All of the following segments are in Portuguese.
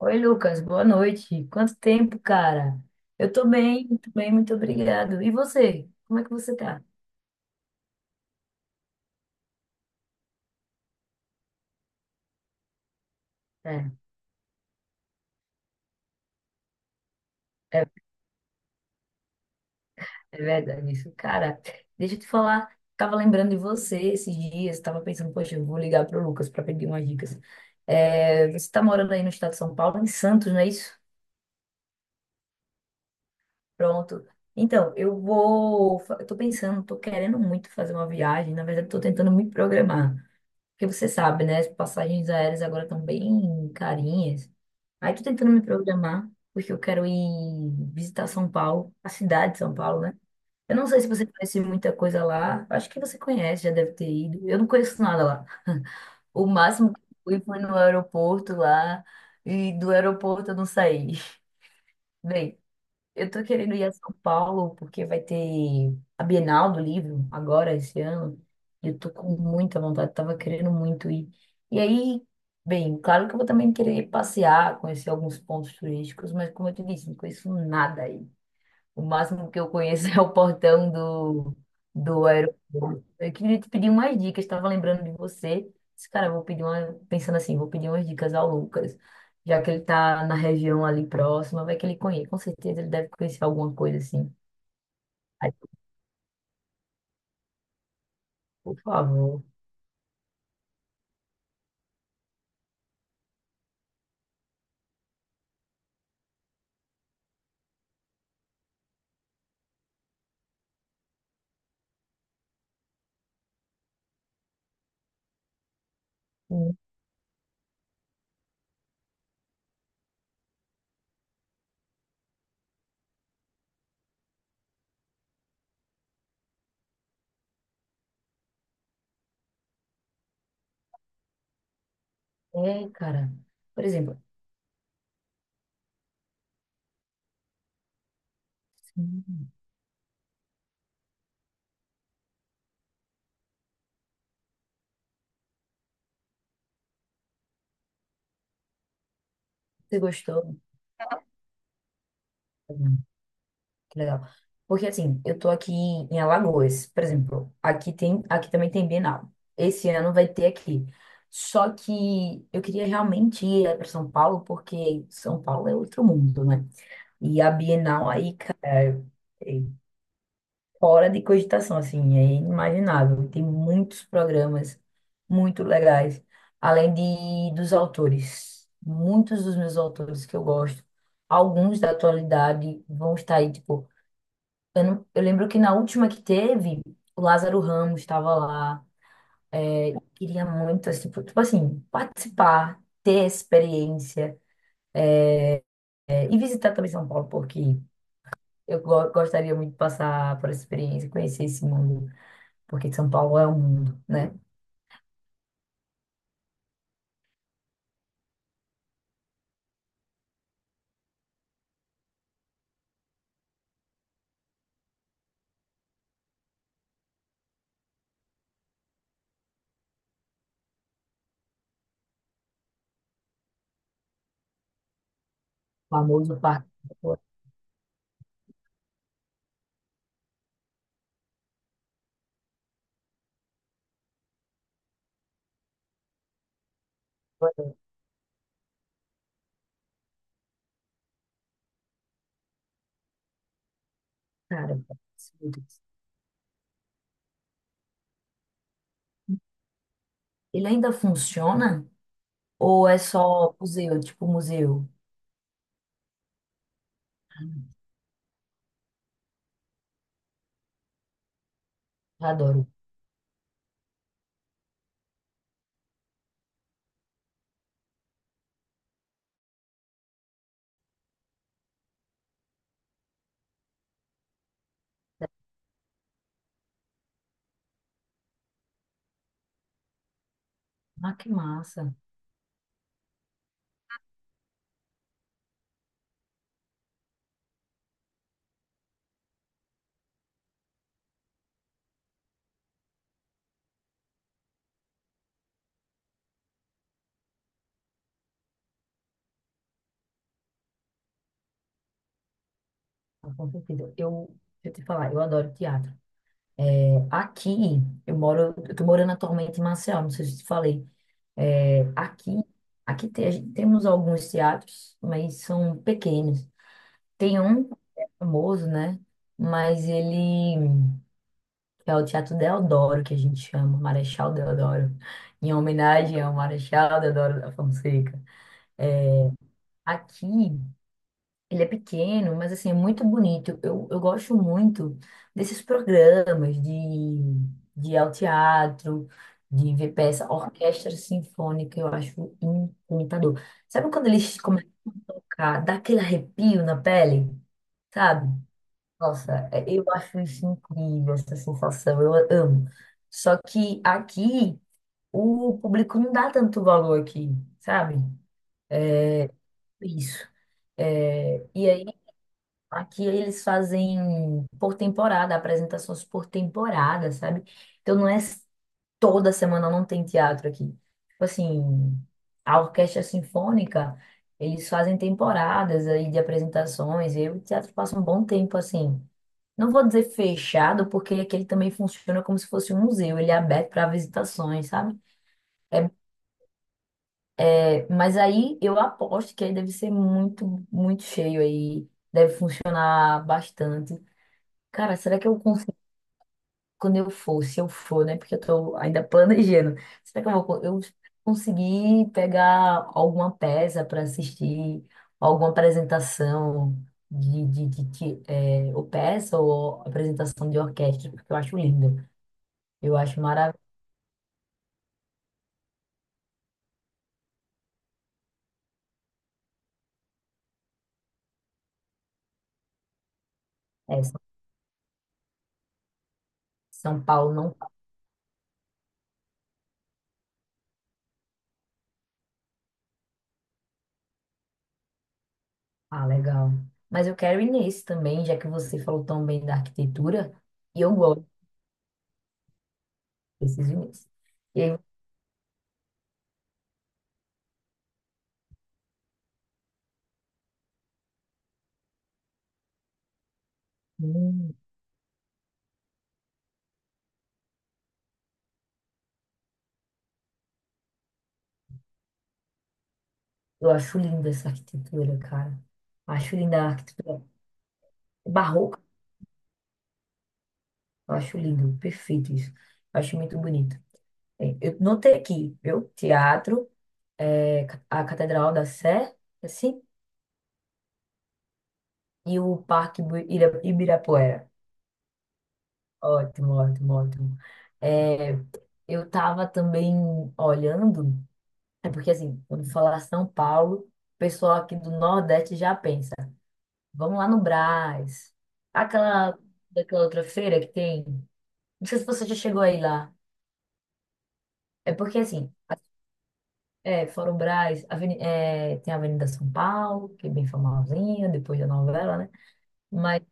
Oi, Lucas, boa noite. Quanto tempo, cara? Eu tô bem, muito obrigado. E você? Como é que você tá? É, é, é, verdade isso. Cara, deixa eu te falar, tava lembrando de você esses dias, tava pensando, poxa, eu vou ligar pro Lucas pra pedir umas dicas. É, você tá morando aí no estado de São Paulo, em Santos, não é isso? Pronto. Então, eu tô pensando, tô querendo muito fazer uma viagem, na verdade, tô tentando me programar. Porque você sabe, né? As passagens aéreas agora estão bem carinhas. Aí tô tentando me programar, porque eu quero ir visitar São Paulo, a cidade de São Paulo, né? Eu não sei se você conhece muita coisa lá. Acho que você conhece, já deve ter ido. Eu não conheço nada lá. O máximo que eu fui foi no aeroporto lá, e do aeroporto eu não saí. Bem, eu tô querendo ir a São Paulo porque vai ter a Bienal do Livro agora, esse ano. E eu tô com muita vontade, tava querendo muito ir. E aí, bem, claro que eu vou também querer passear, conhecer alguns pontos turísticos, mas como eu te disse, não conheço nada aí. O máximo que eu conheço é o portão do aeroporto. Eu queria te pedir umas dicas, estava lembrando de você. Esse cara, eu vou pedir uma, pensando assim, vou pedir umas dicas ao Lucas, já que ele tá na região ali próxima, vai que ele conhece. Com certeza ele deve conhecer alguma coisa assim. Aí, por favor. Hum, É, cara. Por exemplo, você gostou? Que legal. Porque assim, eu tô aqui em Alagoas, por exemplo, aqui tem, aqui também tem Bienal. Esse ano vai ter aqui. Só que eu queria realmente ir para São Paulo, porque São Paulo é outro mundo, né? E a Bienal aí, cara, é fora de cogitação, assim, é inimaginável. Tem muitos programas muito legais, além de dos autores. Muitos dos meus autores que eu gosto, alguns da atualidade vão estar aí, tipo eu, não- eu lembro que na última que teve, o Lázaro Ramos estava lá. Queria muito, assim, tipo assim, participar, ter experiência, é, e visitar também São Paulo, porque gostaria muito de passar por essa experiência, conhecer esse mundo, porque São Paulo é um mundo, né? O famoso parque da Ibirapuera. Cara, eu gosto muito disso. Ele ainda funciona? Ou é só museu, tipo museu? Ah, adoro. Ah, que massa. Tá, com certeza. Deixa eu te falar, eu adoro teatro. Aqui, eu tô morando atualmente em Maceió, não sei se te falei. É, aqui, temos alguns teatros, mas são pequenos. Tem um que é famoso, né? Mas ele é o Teatro Deodoro, que a gente chama, Marechal Deodoro, em homenagem ao Marechal Deodoro da Fonseca. Aqui ele é pequeno, mas assim, é muito bonito. Eu gosto muito desses programas de ao teatro, de ver peça, orquestra sinfônica, eu acho encantador. Sabe quando eles começam a tocar, dá aquele arrepio na pele, sabe? Nossa, eu acho isso incrível, essa sensação, eu amo. Só que aqui, o público não dá tanto valor aqui, sabe? Isso. É, e aí aqui eles fazem por temporada, apresentações por temporada, sabe? Então não é s- Toda semana não tem teatro aqui. Tipo assim, a orquestra sinfônica, eles fazem temporadas aí de apresentações. E o teatro passa um bom tempo assim. Não vou dizer fechado, porque aqui ele também funciona como se fosse um museu, ele é aberto para visitações, sabe? É, mas aí eu aposto que aí deve ser muito, muito cheio aí, deve funcionar bastante. Cara, será que eu quando eu for, se eu for, né? Porque eu tô ainda planejando. Será que eu vou, eu conseguir pegar alguma peça para assistir, alguma apresentação ou peça ou apresentação de orquestra, porque eu acho lindo. Eu acho maravilhoso. É, São São Paulo não. Tá, ah, legal. Mas eu quero ir nesse também, já que você falou tão bem da arquitetura, e eu gosto, desses ir nesse. E aí, hum, eu acho linda essa arquitetura, cara. Acho linda a arquitetura. Barroca, eu acho lindo, perfeito isso. Eu acho muito bonito. É, eu notei aqui, viu? Teatro, a Catedral da Sé, assim, e o Ibirapuera. Ótimo, ótimo, ótimo. É, eu tava também olhando, é porque assim, quando falar São Paulo, o pessoal aqui do Nordeste já pensa, vamos lá no Brás, aquela, daquela outra feira que tem. Não sei se você já chegou aí lá. É porque assim. É, fora o Brás, tem a Avenida São Paulo, que é bem famosinha, depois da novela, né? Mas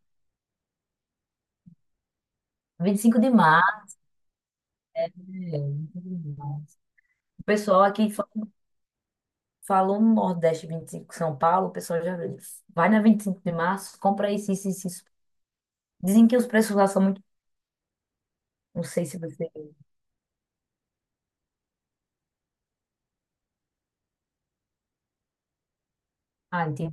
25 de março, é, 25 de março. O pessoal aqui fa- Falou no Nordeste 25 de São Paulo, o pessoal já vai na 25 de março, compra isso, isso, isso. Dizem que os preços lá são muito. Não sei se você. Ah, entendi.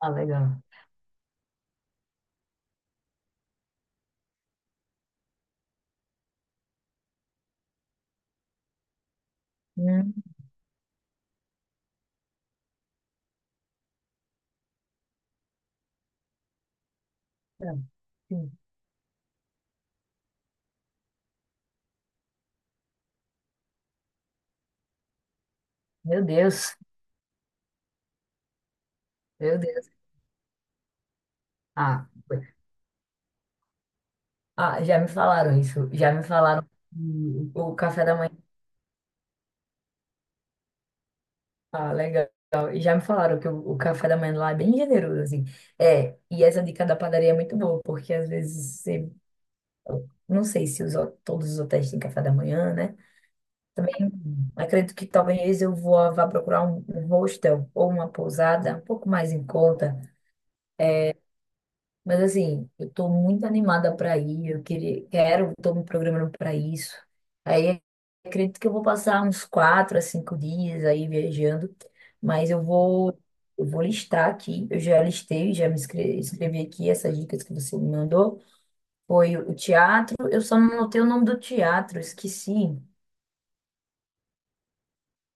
Ah, legal. Hum, tá. Sim. Meu Deus, meu Deus. Ah, foi. Ah, já me falaram isso. Já me falaram que o café da manhã. Ah, legal. E já me falaram o café da manhã lá é bem generoso, assim. É, e essa dica da padaria é muito boa, porque às vezes você, não sei se os, todos os hotéis têm café da manhã, né? Também acredito que talvez vá procurar um, um hostel ou uma pousada um pouco mais em conta, mas assim, eu tô muito animada para ir, quero, tô me programando para isso. Aí acredito que eu vou passar uns 4 a 5 dias aí viajando, mas eu vou, eu vou listar aqui, eu já listei, escrevi aqui essas dicas que você me mandou. Foi o teatro, eu só não notei o nome do teatro, esqueci.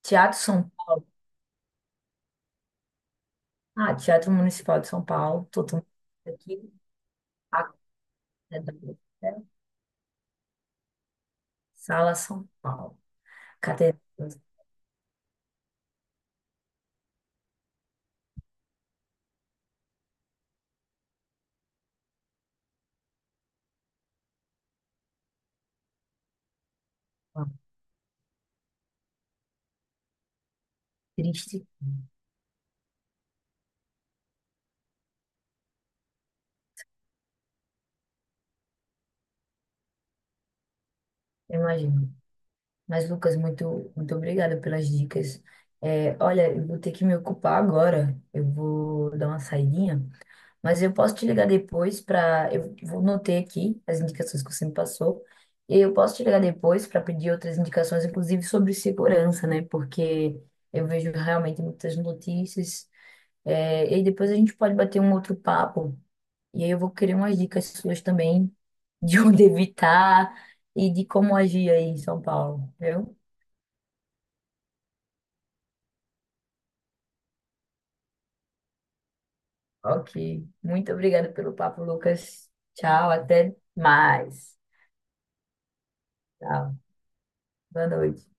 Teatro São Paulo. Ah, Teatro Municipal de São Paulo, tô tomando aqui. A Catedral, né? Sala São Paulo. Catedral, São Paulo. Triste, eu imagino. Mas, Lucas, muito, muito obrigada pelas dicas. É, olha, eu vou ter que me ocupar agora. Eu vou dar uma saidinha, mas eu posso te ligar depois para. Eu vou notei aqui as indicações que você me passou. E eu posso te ligar depois para pedir outras indicações, inclusive sobre segurança, né? Porque eu vejo realmente muitas notícias. É, e depois a gente pode bater um outro papo e aí eu vou querer umas dicas suas também de onde evitar e de como agir aí em São Paulo, viu? Ok. Muito obrigada pelo papo, Lucas. Tchau, até mais. Tchau. Boa noite.